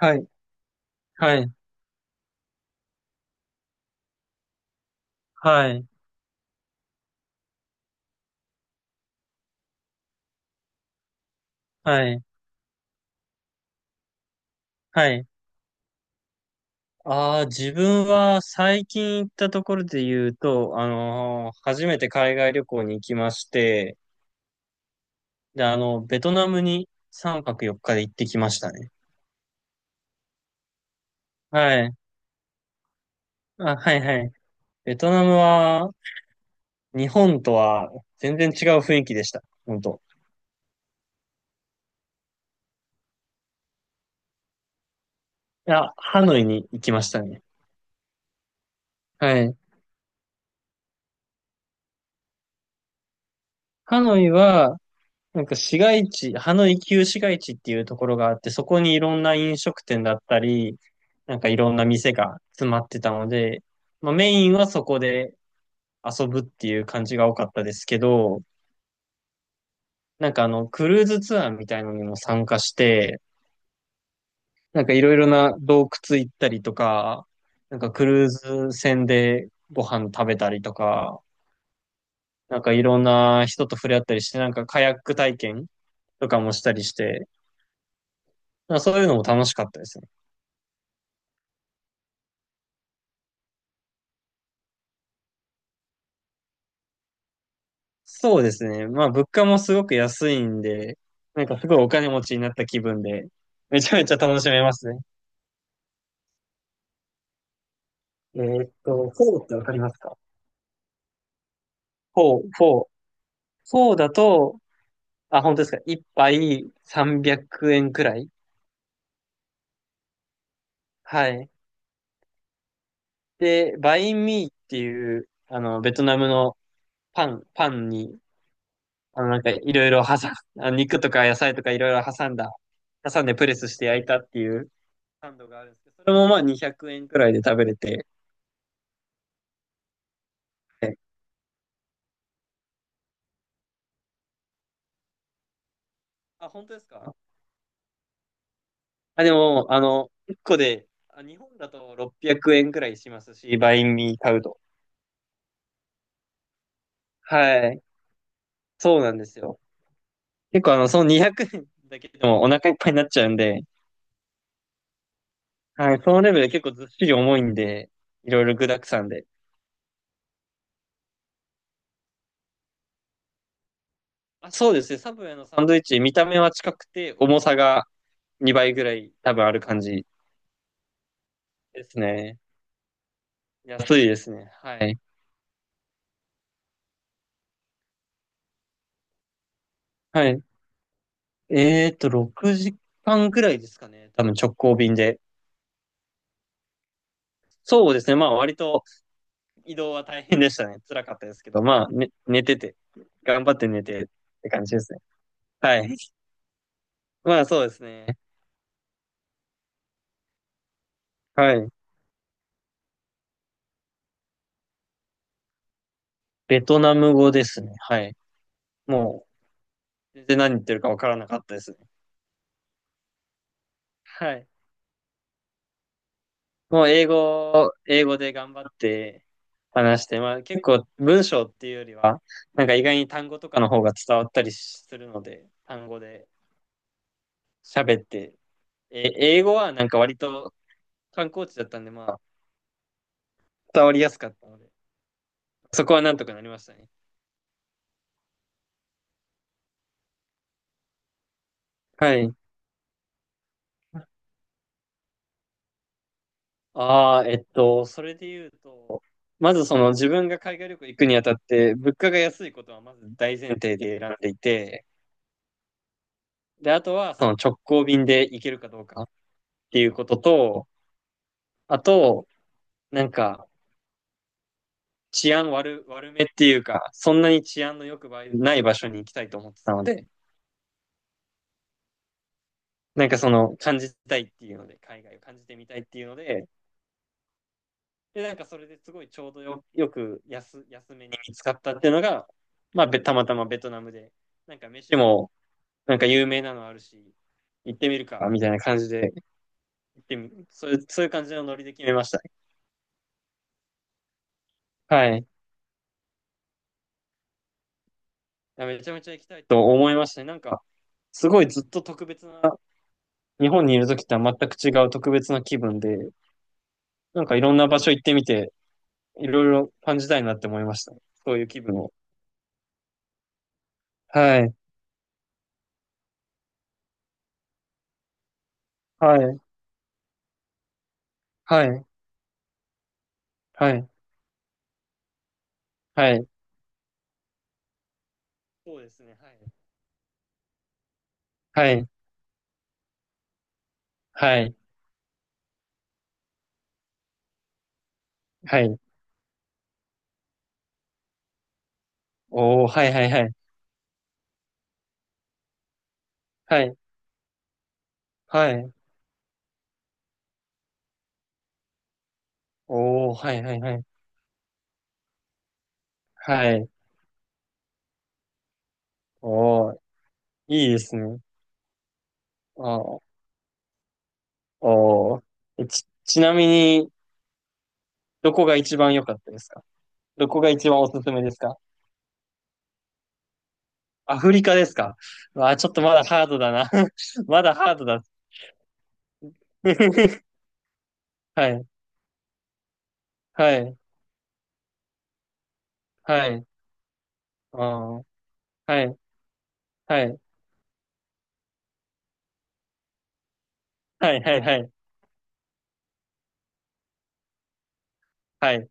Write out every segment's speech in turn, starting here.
はい、はい、はい、はい、はい。ああ、自分は最近行ったところで言うと、初めて海外旅行に行きまして、で、あの、ベトナムに3泊4日で行ってきましたね。はい。あ、はい、はい。ベトナムは、日本とは全然違う雰囲気でした。本当。いや、ハノイに行きましたね。はい。ハノイは、なんか市街地、ハノイ旧市街地っていうところがあって、そこにいろんな飲食店だったり、なんかいろんな店が詰まってたので、まあ、メインはそこで遊ぶっていう感じが多かったですけど、なんかあの、クルーズツアーみたいのにも参加して、なんかいろいろな洞窟行ったりとか、なんかクルーズ船でご飯食べたりとか、なんかいろんな人と触れ合ったりして、なんかカヤック体験とかもしたりして、まあそういうのも楽しかったですね。そうですね。まあ、物価もすごく安いんで、なんかすごいお金持ちになった気分で、めちゃめちゃ楽しめますね。フォーってわかりますか？フォー。フォーだと、あ、本当ですか。一杯300円くえんくらい。はい。で、バインミーっていう、あの、ベトナムのパンに、あの、なんかいろいろ挟ん、あの肉とか野菜とかいろいろ挟んでプレスして焼いたっていうサンドがあるんですけど、それもまあ200円くえんくらいで食べれて、あ、本当ですか？あ、でも、あの、1個で、あ、日本だと600円くえんくらいしますし、バインミー買うと。はい。そうなんですよ。結構あの、その200円だけでもお腹いっぱいになっちゃうんで、はい、そのレベルで結構ずっしり重いんで、いろいろ具沢山で。あ、そうですね。サブウェイのサンドイッチ、見た目は近くて、重さが2倍ぐらい多分ある感じですね。安いですね。はい。はい。6時間ぐらいですかね。多分直行便で。そうですね。まあ割と移動は大変でしたね。辛かったですけど、まあ、ね、寝てて、頑張って寝てって感じですね。はい。まあ、そうですね。はい。ベトナム語ですね。はい。もう、全然何言ってるかわからなかったですね。はい。もう、英語で頑張って話して、まあ、結構文章っていうよりは、なんか意外に単語とかの方が伝わったりするので、単語で喋って、え、英語はなんか割と観光地だったんで、まあ、伝わりやすかったので、そこはなんとかなりましたね。はい。ああ、それで言うと、まずその自分が海外旅行行くにあたって、物価が安いことはまず大前提で選んでいて、で、あとはその直行便で行けるかどうかっていうことと、あと、なんか治安悪、悪めっていうか、そんなに治安の良くない場所に行きたいと思ってたので、なんかその感じたいっていうので、海外を感じてみたいっていうので、で、なんかそれですごいちょうどよく安めに見つかったっていうのが、まあ、たまたまベトナムで、なんか飯もなんか有名なのあるし、行ってみるかみたいな感じで、行ってみ、そういう、そういう感じのノリで決めましたね。はい。めちゃめちゃ行きたいと思いましたね。なんか、すごいずっと特別な、日本にいる時とは全く違う特別な気分で、なんかいろんな場所行ってみて、いろいろ感じたいなって思いましたね、そういう気分を。はい。はい。はい。はい。はい。そうですね。はい。はい、はい、はい。おー、はい、はい、はい。はい、はい。おー、はい、はい、はい。はい。おー、いいですね。あー、おー。ちなみに、どこが一番良かったですか？どこが一番おすすめですか？アフリカですか？わあ、ちょっとまだハードだな。まだハードだ。はい、はい、はい。あー、はい、はい、はい、はい、はい、はい、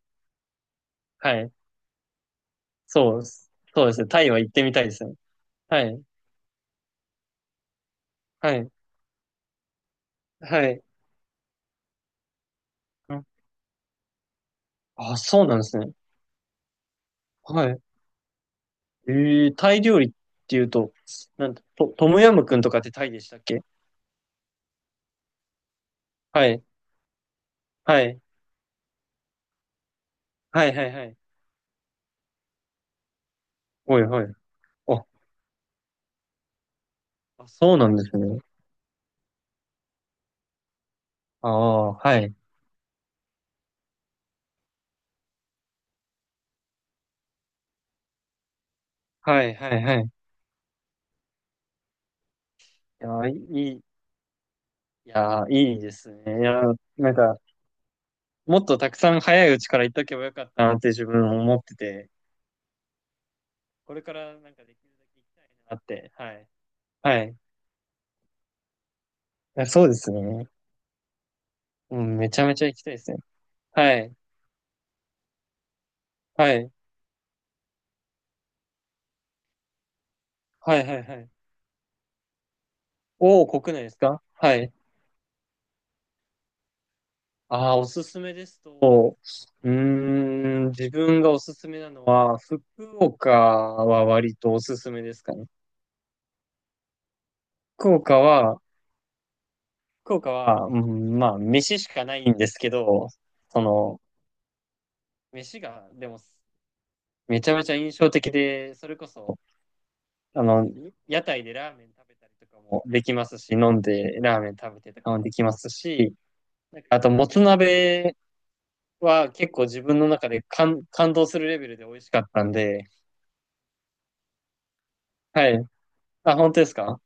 はい。そうです。そうですね。タイは行ってみたいですね。はい、はい、はい。あ、そうなんですね。はい。えー、タイ料理っていうと、なんと、トトムヤムクンとかってタイでしたっけ？はい。はい。はい、はい、はい。はい、はい。あ、あ、そうなんですね。ああ、はい。はい、はい、はい。いやー、いいですね。いやー、なんか、もっとたくさん早いうちから行っとけばよかったなって自分思ってて、これからなんかできるだけ行きたいなって、はい。はい。いやそうですね。うん、めちゃめちゃ行きたいですね。はい。はい。はい、はい、はい。おお、国内ですか？はい。ああ、おすすめですと、うーん、自分がおすすめなのは、福岡は割とおすすめですかね。福岡は、福岡は、うん、まあ、飯しかないんですけど、その、飯が、でも、めちゃめちゃ印象的で、それこそ、あの、屋台でラーメン食べたりとかもできますし、飲んでラーメン食べてとかもできますし、なんかあと、もつ鍋は結構自分の中で感動するレベルで美味しかったんで、はい。あ、本当ですか？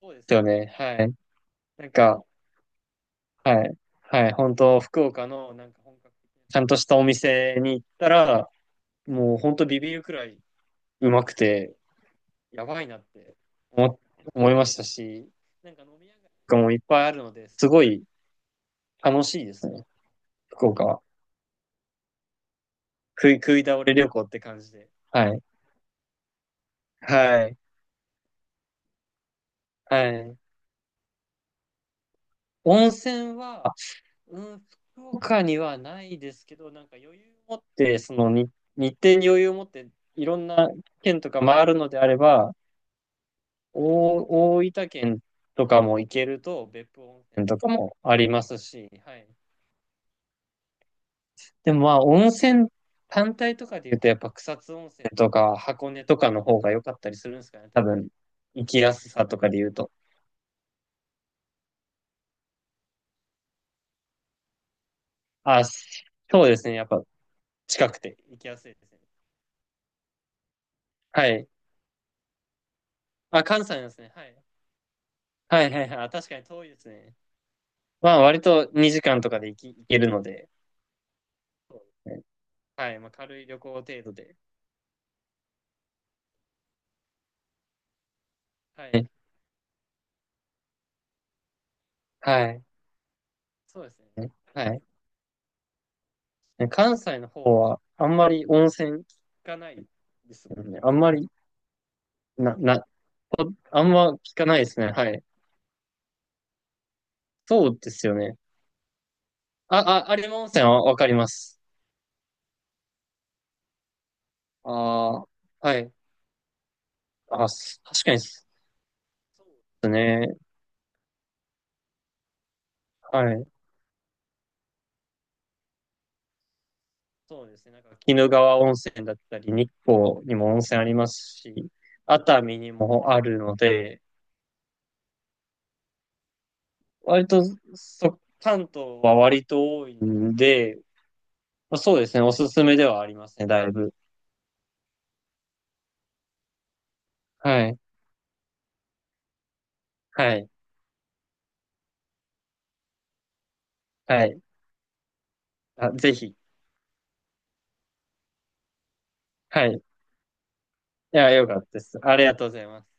そうですよね。はい。なんか、はい。はい。本当、福岡のなんか本格的なちゃんとしたお店に行ったら、もう本当ビビるくらいうまくて、やばいなって思、思いましたし、なんか飲み屋街とかもいっぱいあるので、すごい楽しいですね。福岡は。食い倒れ旅行って感じで。はい。はい。はい。温泉は、うん、福岡にはないですけど、なんか余裕を持って、その日程に余裕を持って、いろんな県とか回るのであれば、大大分県とかも行けると、別府温泉とかもありますし、はい。でもまあ、温泉単体とかで言うと、やっぱ草津温泉とか箱根とかの方が良かったりするんですかね、多分、行きやすさとかで言うと。あ、そうですね、やっぱ近くて行きやすいですね。はい。あ、関西なんですね。はい。はいはいはい。あ、確かに遠いですね。まあ割と2時間とかで行けるので。そうですね。はい。まあ軽い旅行程度で。はい。はい。そうですね。はい。ね、関西の方はあんまり温泉聞かないですもんね。あんまり、な、な、お、あんま聞かないですね。はい。そうですよね。あ、あ、有馬温泉はわかります。ああ、はい。確かにそうですね。はい。そうですね。なんか、鬼怒川温泉だったり、日光にも温泉ありますし、熱海にもあるので、割と、そ、関東は割と多いんで、まあ、そうですね。おすすめではありますね、だいぶ。はい。はい。はい。あ、ぜひ。はい。いや、よかったです。ありがとうございます。